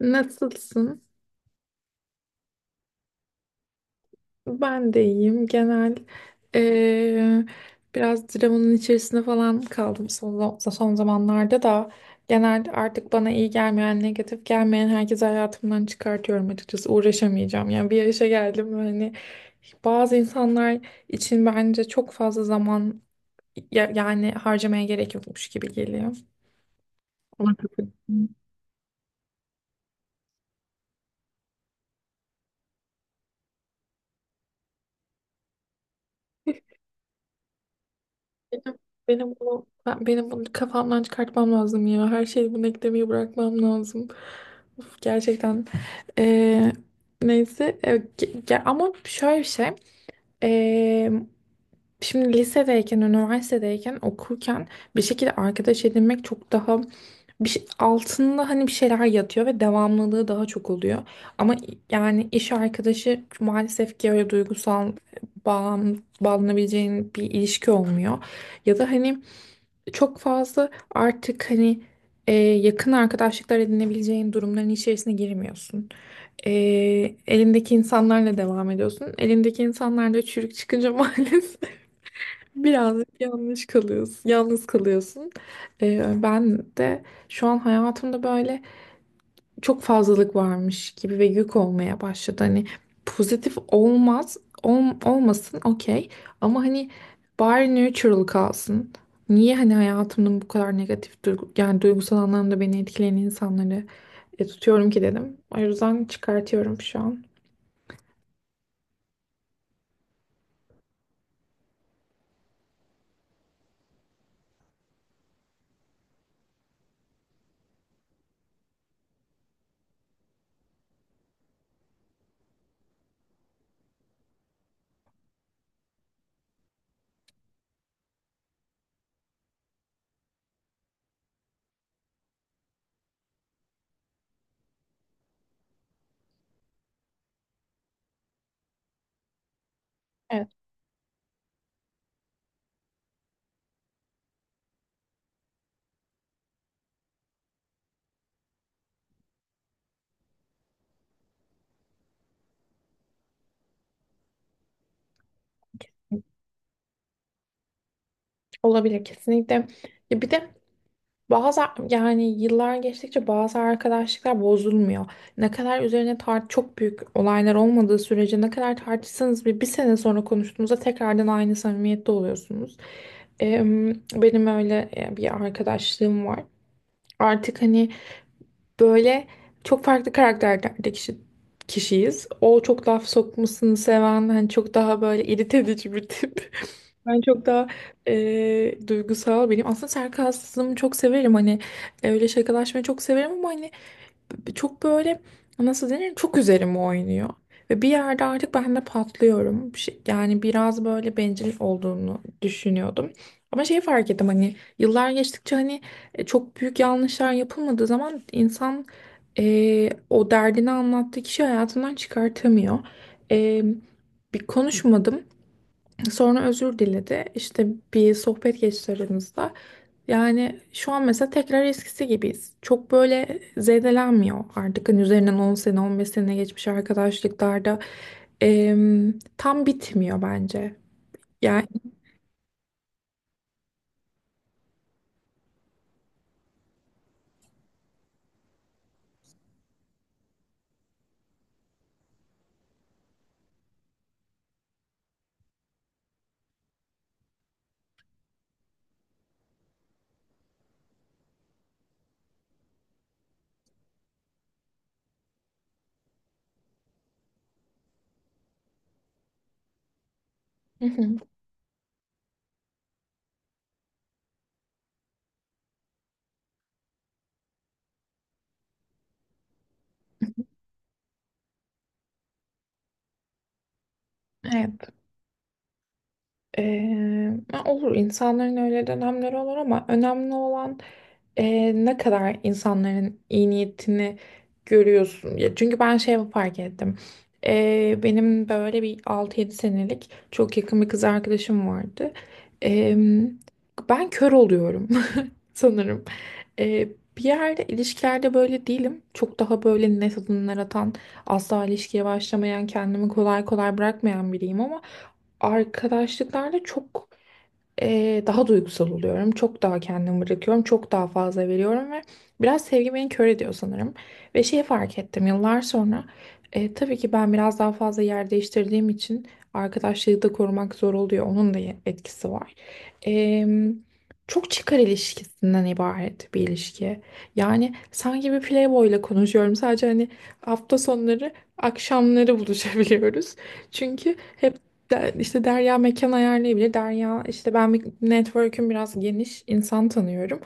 Nasılsın? Ben de iyiyim. Genel eee, biraz dramanın içerisinde falan kaldım son zamanlarda da genel artık bana iyi gelmeyen, negatif gelmeyen herkesi hayatımdan çıkartıyorum açıkçası. Uğraşamayacağım. Yani bir yaşa geldim ve hani bazı insanlar için bence çok fazla zaman yani harcamaya gerek yokmuş gibi geliyor. Ona katılıyorum. Benim, benim bunu kafamdan çıkartmam lazım ya. Her şeyi bunu eklemeyi bırakmam lazım. Uf, gerçekten. Ee, neyse ama şöyle bir şey. Ee, şimdi lisedeyken, üniversitedeyken, okurken bir şekilde arkadaş edinmek çok daha altında hani bir şeyler yatıyor ve devamlılığı daha çok oluyor. Ama yani iş arkadaşı maalesef ki öyle duygusal bağlanabileceğin bir ilişki olmuyor. Ya da hani çok fazla artık hani yakın arkadaşlıklar edinebileceğin durumların içerisine girmiyorsun. E, elindeki insanlarla devam ediyorsun. Elindeki insanlarla çürük çıkınca maalesef birazcık yanlış kalıyorsun. Yalnız kalıyorsun. Ben de şu an hayatımda böyle çok fazlalık varmış gibi ve yük olmaya başladı. Hani pozitif olmaz, olmasın okey ama hani bari neutral kalsın. Niye hani hayatımın bu kadar negatif duygu, yani duygusal anlamda beni etkileyen insanları tutuyorum ki dedim. O yüzden çıkartıyorum şu an. Evet. Olabilir kesinlikle. Ya bir de Bazı yani yıllar geçtikçe bazı arkadaşlıklar bozulmuyor. Ne kadar üzerine çok büyük olaylar olmadığı sürece ne kadar tartışsanız bir sene sonra konuştuğunuzda tekrardan aynı samimiyette oluyorsunuz. Benim öyle bir arkadaşlığım var. Artık hani böyle çok farklı karakterlerde kişiyiz. O çok laf sokmasını seven hani çok daha böyle irite edici bir tip. Ben çok daha duygusal biriyim. Aslında sarkazmı çok severim. Hani öyle şakalaşmayı çok severim ama hani çok böyle nasıl denir çok üzerime oynuyor. Ve bir yerde artık ben de patlıyorum. Yani biraz böyle bencil olduğunu düşünüyordum. Ama şeyi fark ettim hani yıllar geçtikçe hani çok büyük yanlışlar yapılmadığı zaman insan o derdini anlattığı kişi hayatından çıkartamıyor. E, bir konuşmadım. Sonra özür diledi. İşte bir sohbet geçti aramızda. Yani şu an mesela tekrar eskisi gibiyiz. Çok böyle zedelenmiyor artık. Hani üzerinden 10 sene, 15 sene geçmiş arkadaşlıklarda tam bitmiyor bence. Yani. Hı hı. Evet. Olur insanların öyle dönemleri olur ama önemli olan ne kadar insanların iyi niyetini görüyorsun. Ya çünkü ben şey fark ettim. Benim böyle bir 6-7 senelik çok yakın bir kız arkadaşım vardı. Eee, ben kör oluyorum sanırım. Eee, bir yerde ilişkilerde böyle değilim. Çok daha böyle net adımlar atan, asla ilişkiye başlamayan, kendimi kolay kolay bırakmayan biriyim ama arkadaşlıklarda çok daha duygusal oluyorum. Çok daha kendimi bırakıyorum. Çok daha fazla veriyorum ve biraz sevgi beni kör ediyor sanırım. Ve şeyi fark ettim yıllar sonra. Tabii ki ben biraz daha fazla yer değiştirdiğim için arkadaşlığı da korumak zor oluyor. Onun da etkisi var. Em, çok çıkar ilişkisinden ibaret bir ilişki. Yani sanki bir playboy ile konuşuyorum. Sadece hani hafta sonları akşamları buluşabiliyoruz. Çünkü hep de, işte Derya mekan ayarlayabilir. Derya işte ben network'üm biraz geniş insan tanıyorum.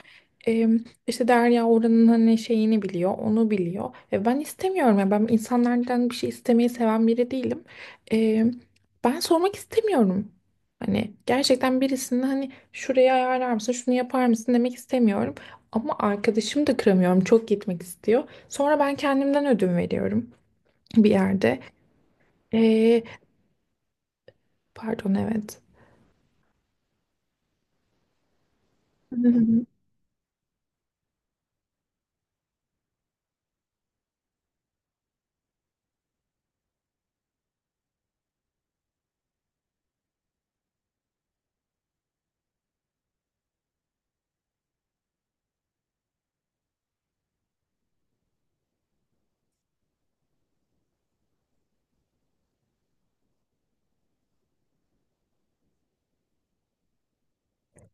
Ee, işte Derya oranın hani şeyini biliyor, onu biliyor. Ben istemiyorum ya ben insanlardan bir şey istemeyi seven biri değilim. Ee, ben sormak istemiyorum. Hani gerçekten birisinin hani şurayı ayarlar mısın, şunu yapar mısın demek istemiyorum. Ama arkadaşım da kıramıyorum, çok gitmek istiyor. Sonra ben kendimden ödün veriyorum bir yerde. Ee, pardon evet.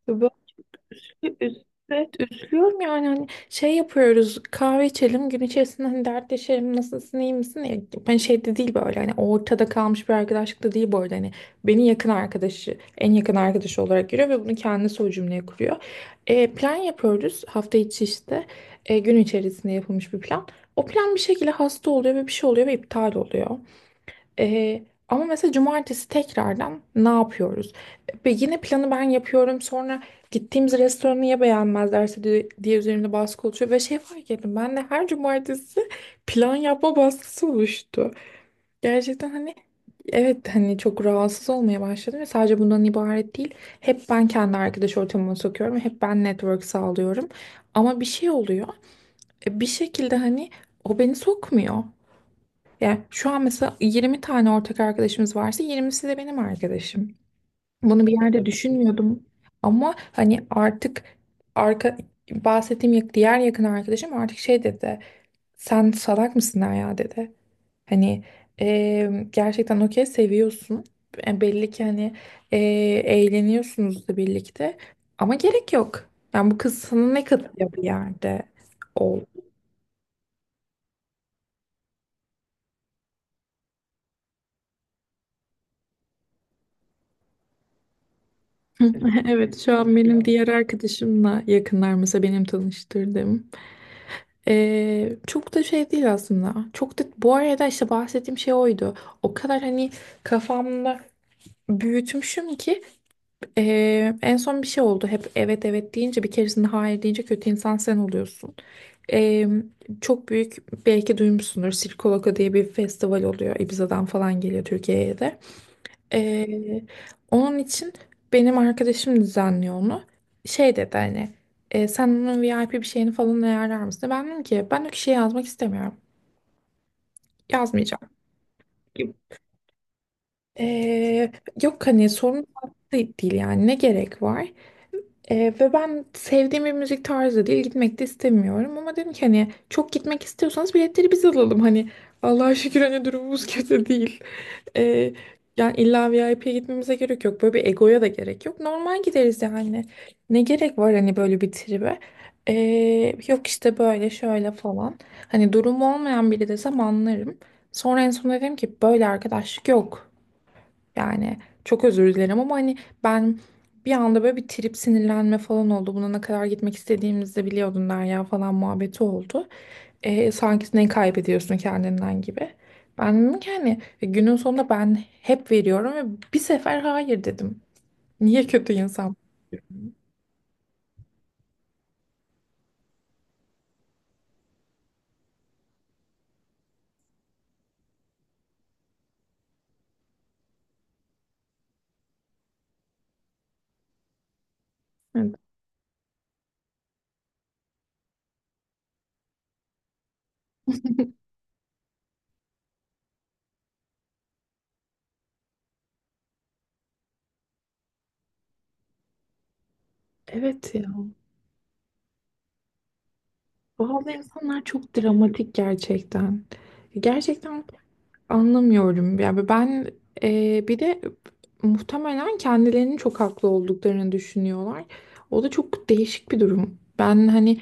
Böyle Üz- Evet, üzülüyorum yani hani şey yapıyoruz, kahve içelim gün içerisinde hani dertleşelim, nasılsın iyi misin ya, ben şeyde değil, böyle hani ortada kalmış bir arkadaşlık da değil bu arada, hani beni yakın arkadaşı en yakın arkadaşı olarak görüyor ve bunu kendisi o cümleye kuruyor. Plan yapıyoruz hafta içi, işte gün içerisinde yapılmış bir plan, o plan bir şekilde hasta oluyor ve bir şey oluyor ve iptal oluyor, ee, ama mesela cumartesi tekrardan ne yapıyoruz? Ve yine planı ben yapıyorum. Sonra gittiğimiz restoranı ya beğenmezlerse diye üzerimde baskı oluşuyor. Ve şey fark ettim. Ben de her cumartesi plan yapma baskısı oluştu. Gerçekten hani evet, hani çok rahatsız olmaya başladım. Ve sadece bundan ibaret değil. Hep ben kendi arkadaş ortamıma sokuyorum. Hep ben network sağlıyorum. Ama bir şey oluyor. Bir şekilde hani o beni sokmuyor. Yani şu an mesela 20 tane ortak arkadaşımız varsa 20'si de benim arkadaşım. Bunu bir yerde düşünmüyordum ama hani artık arka bahsettiğim diğer yakın arkadaşım artık şey dedi. Sen salak mısın ya dedi. Hani gerçekten okey, seviyorsun. Belli ki hani eğleniyorsunuz da birlikte. Ama gerek yok. Yani bu kız sana ne katıyor bir yerde? Hı, evet, şu an benim diğer arkadaşımla yakınlar mesela benim tanıştırdığım. Çok da şey değil aslında. Çok da bu arada işte bahsettiğim şey oydu. O kadar hani kafamda büyütmüşüm ki en son bir şey oldu. Hep evet evet deyince bir keresinde hayır deyince kötü insan sen oluyorsun. Ee, çok büyük, belki duymuşsundur Sirkoloko diye bir festival oluyor. Ibiza'dan falan geliyor, Türkiye'ye de. Ee, onun için benim arkadaşım düzenliyor onu. Şey dedi hani sen onun VIP bir şeyini falan ayarlar mısın? Ben dedim ki ben o kişiye yazmak istemiyorum. Yazmayacağım. Ee, yok hani sorun değil, yani ne gerek var? Ve ben sevdiğim bir müzik tarzı değil, gitmek de istemiyorum, ama dedim ki hani çok gitmek istiyorsanız biletleri biz alalım, hani Allah'a şükür hani durumumuz kötü değil. Ee, yani illa VIP'ye gitmemize gerek yok, böyle bir egoya da gerek yok, normal gideriz yani, ne gerek var hani böyle bir tribe. Yok işte böyle şöyle falan, hani durumu olmayan biri desem anlarım, sonra en son dedim ki böyle arkadaşlık yok. Yani çok özür dilerim ama hani ben bir anda böyle bir trip sinirlenme falan oldu. Buna ne kadar gitmek istediğimizi de biliyordun Derya falan muhabbeti oldu. Sanki ne kaybediyorsun kendinden gibi. Ben dedim ki hani günün sonunda ben hep veriyorum ve bir sefer hayır dedim. Niye kötü insan? Evet, evet, ya. Bazı insanlar çok dramatik gerçekten. Gerçekten anlamıyorum. Yani ben bir de muhtemelen kendilerinin çok haklı olduklarını düşünüyorlar. O da çok değişik bir durum. Ben hani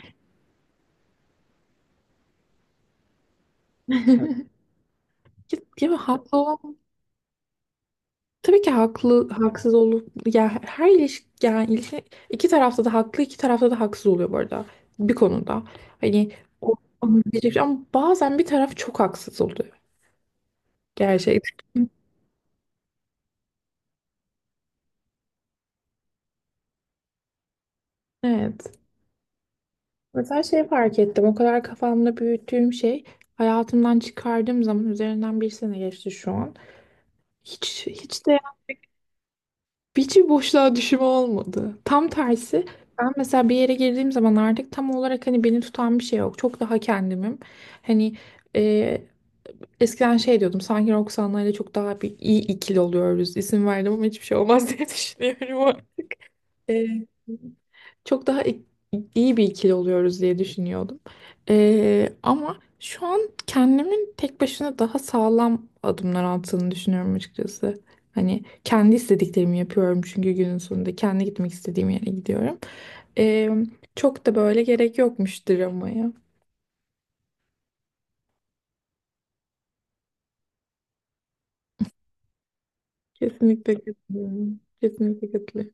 ya haklı olan, tabii ki haklı haksız olup, ya her ilişki, yani ilişki, iki tarafta da haklı iki tarafta da haksız oluyor bu arada, bir konuda. Hani o, ama bazen bir taraf çok haksız oluyor gerçekten. Evet. Mesela şey fark ettim. O kadar kafamda büyüttüğüm şey hayatımdan çıkardığım zaman üzerinden bir sene geçti şu an. Hiç hiç de hiç bir boşluğa düşüm olmadı. Tam tersi ben mesela bir yere girdiğim zaman artık tam olarak hani beni tutan bir şey yok. Çok daha kendimim. Hani e, eskiden şey diyordum sanki Roxanna ile çok daha bir iyi ikili oluyoruz. İsim verdim ama hiçbir şey olmaz diye düşünüyorum. E, çok daha iyi bir ikili oluyoruz diye düşünüyordum. Ama şu an kendimin tek başına daha sağlam adımlar attığını düşünüyorum açıkçası. Hani kendi istediklerimi yapıyorum çünkü günün sonunda kendi gitmek istediğim yere gidiyorum. Ee, çok da böyle gerek yokmuş dramaya. Kesinlikle katılıyorum. Kesinlikle katılıyorum.